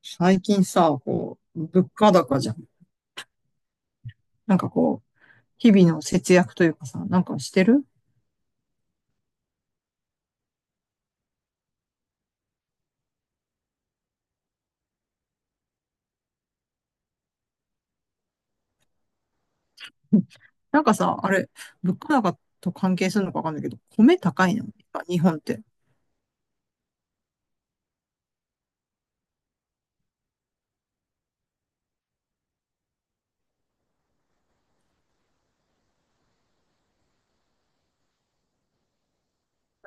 最近さ、こう、物価高じゃん。なんかこう、日々の節約というかさ、なんかしてる。うん。 なんかさ、あれ、物価高と関係するのかわかんないけど、米高いの日本って。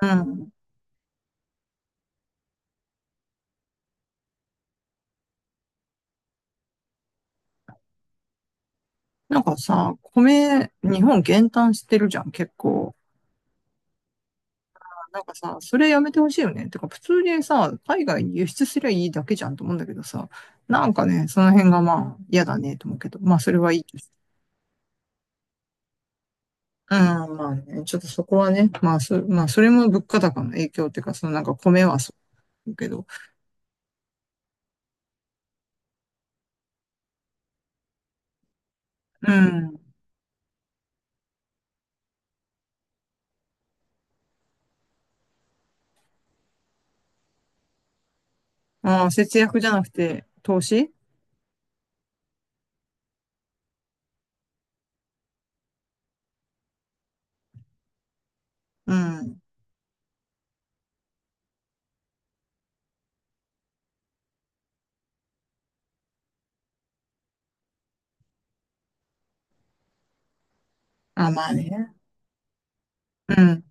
うん。なんかさ、米、日本減反してるじゃん、結構。なんかさ、それやめてほしいよね。てか、普通にさ、海外に輸出すりゃいいだけじゃんと思うんだけどさ、なんかね、その辺がまあ、嫌だね、と思うけど、まあ、それはいい。ああ、まあね、ちょっとそこはね、まあ、それも物価高の影響っていうか、そのなんか米はそうけど、うん。ああ、節約じゃなくて、投資。うん。あまあね。うん。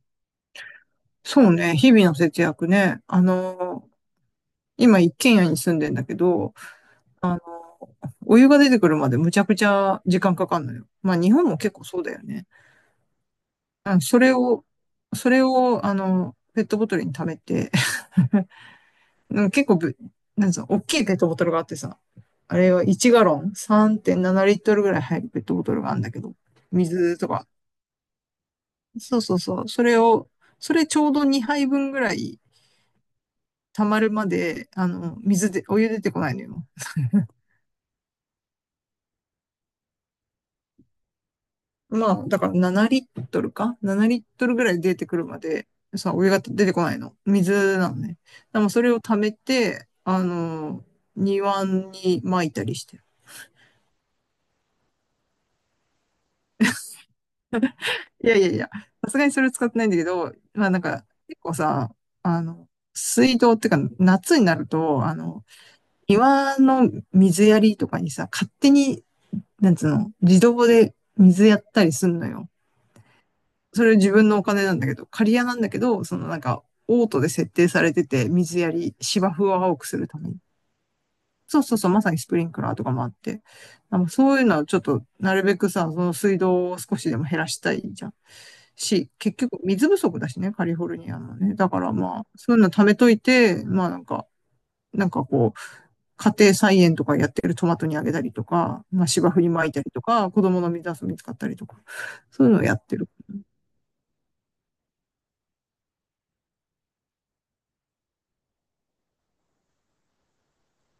そうね、日々の節約ね。あの、今一軒家に住んでんだけど、あの、お湯が出てくるまでむちゃくちゃ時間かかるのよ。まあ日本も結構そうだよね。うん、それを、あの、ペットボトルに溜めて。 うんか結構ぶ、なんつうの、大きいペットボトルがあってさ、あれは1ガロン、3.7リットルぐらい入るペットボトルがあるんだけど、水とか。そうそうそう。それを、それちょうど2杯分ぐらい溜まるまで、あの、水で、お湯出てこないのよ。まあ、だから7リットルぐらい出てくるまで、さ、お湯が出てこないの。水なのね。でもそれを溜めて、あの、庭に撒いたりしてる。いやいやいや、さすがにそれ使ってないんだけど、まあなんか、結構さ、あの、水道っていうか、夏になると、あの、庭の水やりとかにさ、勝手に、なんつうの、自動で水やったりすんのよ。それ自分のお金なんだけど、借り家なんだけど、そのなんか、オートで設定されてて、水やり、芝生を青くするために。そうそうそう、まさにスプリンクラーとかもあって。あのそういうのはちょっと、なるべくさ、その水道を少しでも減らしたいじゃん。し、結局水不足だしね、カリフォルニアのね。だからまあ、そういうの貯めといて、まあなんか、なんかこう、家庭菜園とかやってるトマトにあげたりとか、まあ芝生に巻いたりとか、子供の水遊びに使ったりとか、そういうのをやってる。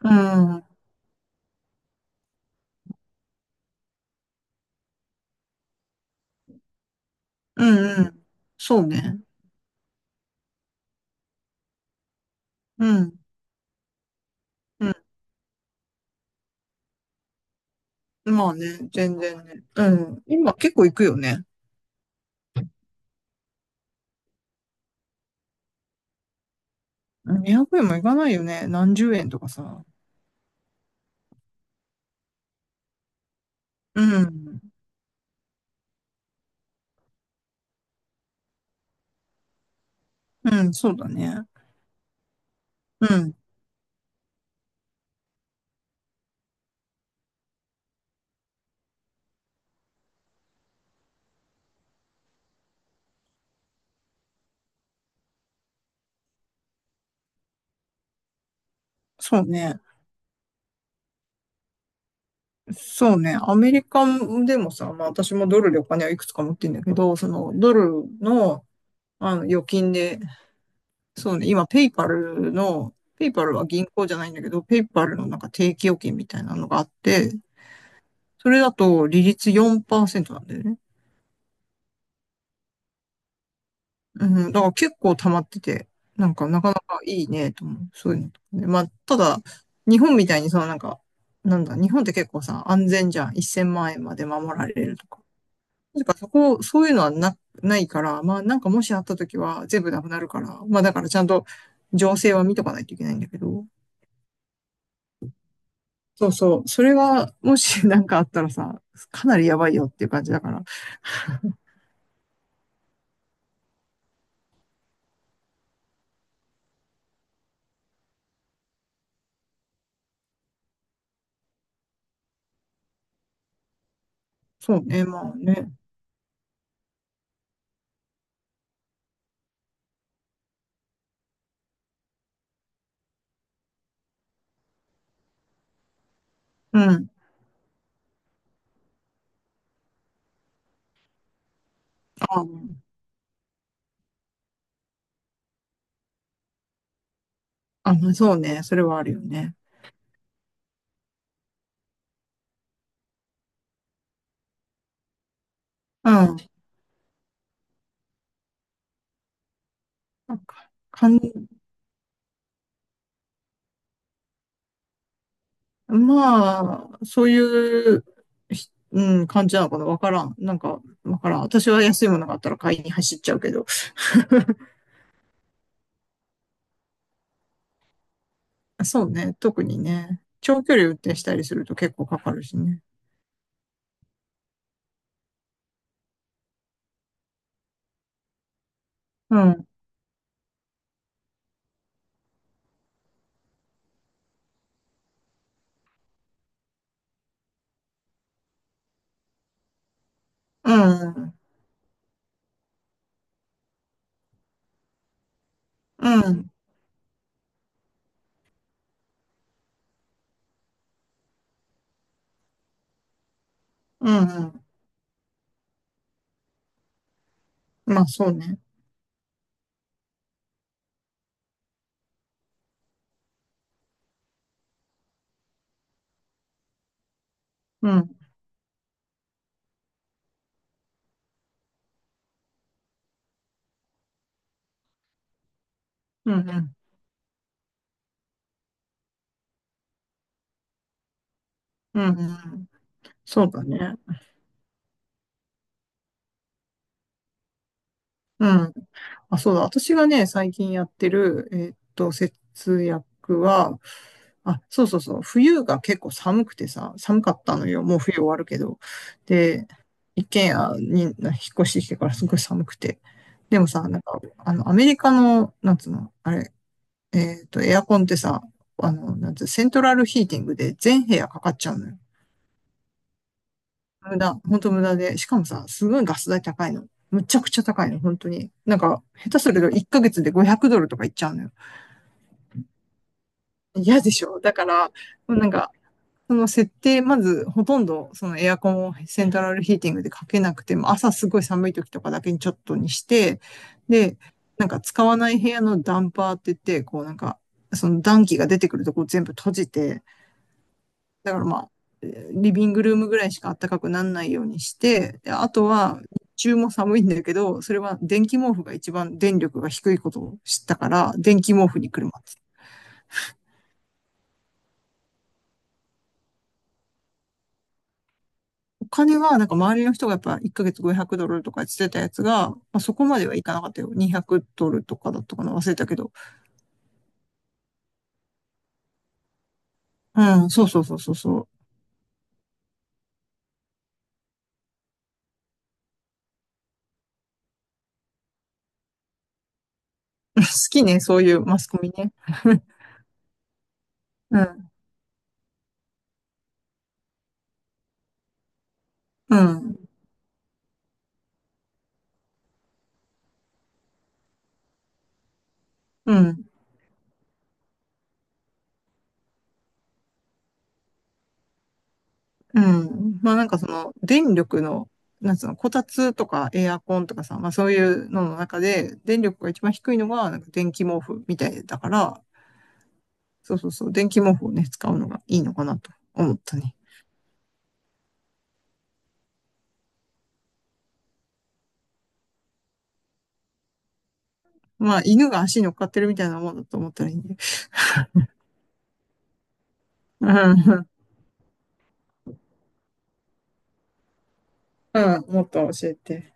うん、うん、うん。そうね。うん、うん。まあね、全然ね。うん。今結構行くよね。200円もいかないよね。何十円とかさ。うん。うん、そうだね。うん。そうね。そうね。アメリカでもさ、まあ私もドルでお金はいくつか持ってんだけど、そのドルの、あの預金で、そうね、今ペイパルの、ペイパルは銀行じゃないんだけど、ペイパルのなんか定期預金みたいなのがあって、それだと利率4%なんだよね。うん、だから結構溜まってて、なんかなかなかいいねと思う。そういうのとかね。まあ、ただ、日本みたいにそのなんか、なんだ、日本って結構さ、安全じゃん。1000万円まで守られるとか。だからそこ、そういうのはな、ないから、まあなんかもしあった時は全部なくなるから、まあだからちゃんと情勢は見とかないといけないんだけど。そうそう。それが、もし なんかあったらさ、かなりやばいよっていう感じだから。そうね、まあね。うん。あ、あ、そうね。それはあるよね。うん。なんか、かん、まあ、そういう、ひうん、感じなのかなわからん。なんか、わからん。私は安いものがあったら買いに走っちゃうけど。そうね、特にね。長距離運転したりすると結構かかるしね。うん、うん、うん、うん、うん。まあ、そうね。うん、うん、うん、うん。うん、そうだね。うん。あ、そうだ。私がね、最近やってる、節約は、あ、そうそうそう。冬が結構寒くてさ、寒かったのよ。もう冬終わるけど。で、一軒家に引っ越してきてからすごい寒くて。でもさ、なんか、あの、アメリカの、なんつうの、あれ、エアコンってさ、あの、なんつう、セントラルヒーティングで全部屋かかっちゃうのよ。無駄、本当無駄で。しかもさ、すごいガス代高いの。むちゃくちゃ高いの、本当に。なんか、下手すると1ヶ月で500ドルとかいっちゃうのよ。嫌でしょだから、なんか、その設定、まず、ほとんど、そのエアコンをセントラルヒーティングでかけなくても、朝すごい寒い時とかだけにちょっとにして、で、なんか使わない部屋のダンパーって言って、こうなんか、その暖気が出てくるとこ全部閉じて、だからまあ、リビングルームぐらいしか暖かくならないようにして、で、あとは、日中も寒いんだけど、それは電気毛布が一番電力が低いことを知ったから、電気毛布に車って。お金は、なんか周りの人がやっぱ1ヶ月500ドルとかしてたやつが、まあ、そこまではいかなかったよ。200ドルとかだったかな忘れたけど。うん、そうそうそうそうそう。好きね、そういうマスコミね。うん、うん、うん。うん。まあなんかその電力の、なんつうの、こたつとかエアコンとかさ、まあそういうのの中で電力が一番低いのがなんか電気毛布みたいだから、そうそうそう、電気毛布をね、使うのがいいのかなと思ったね。まあ犬が足に乗っかってるみたいなもんだと思ったらいいんで。うん、うん、もっと教えて。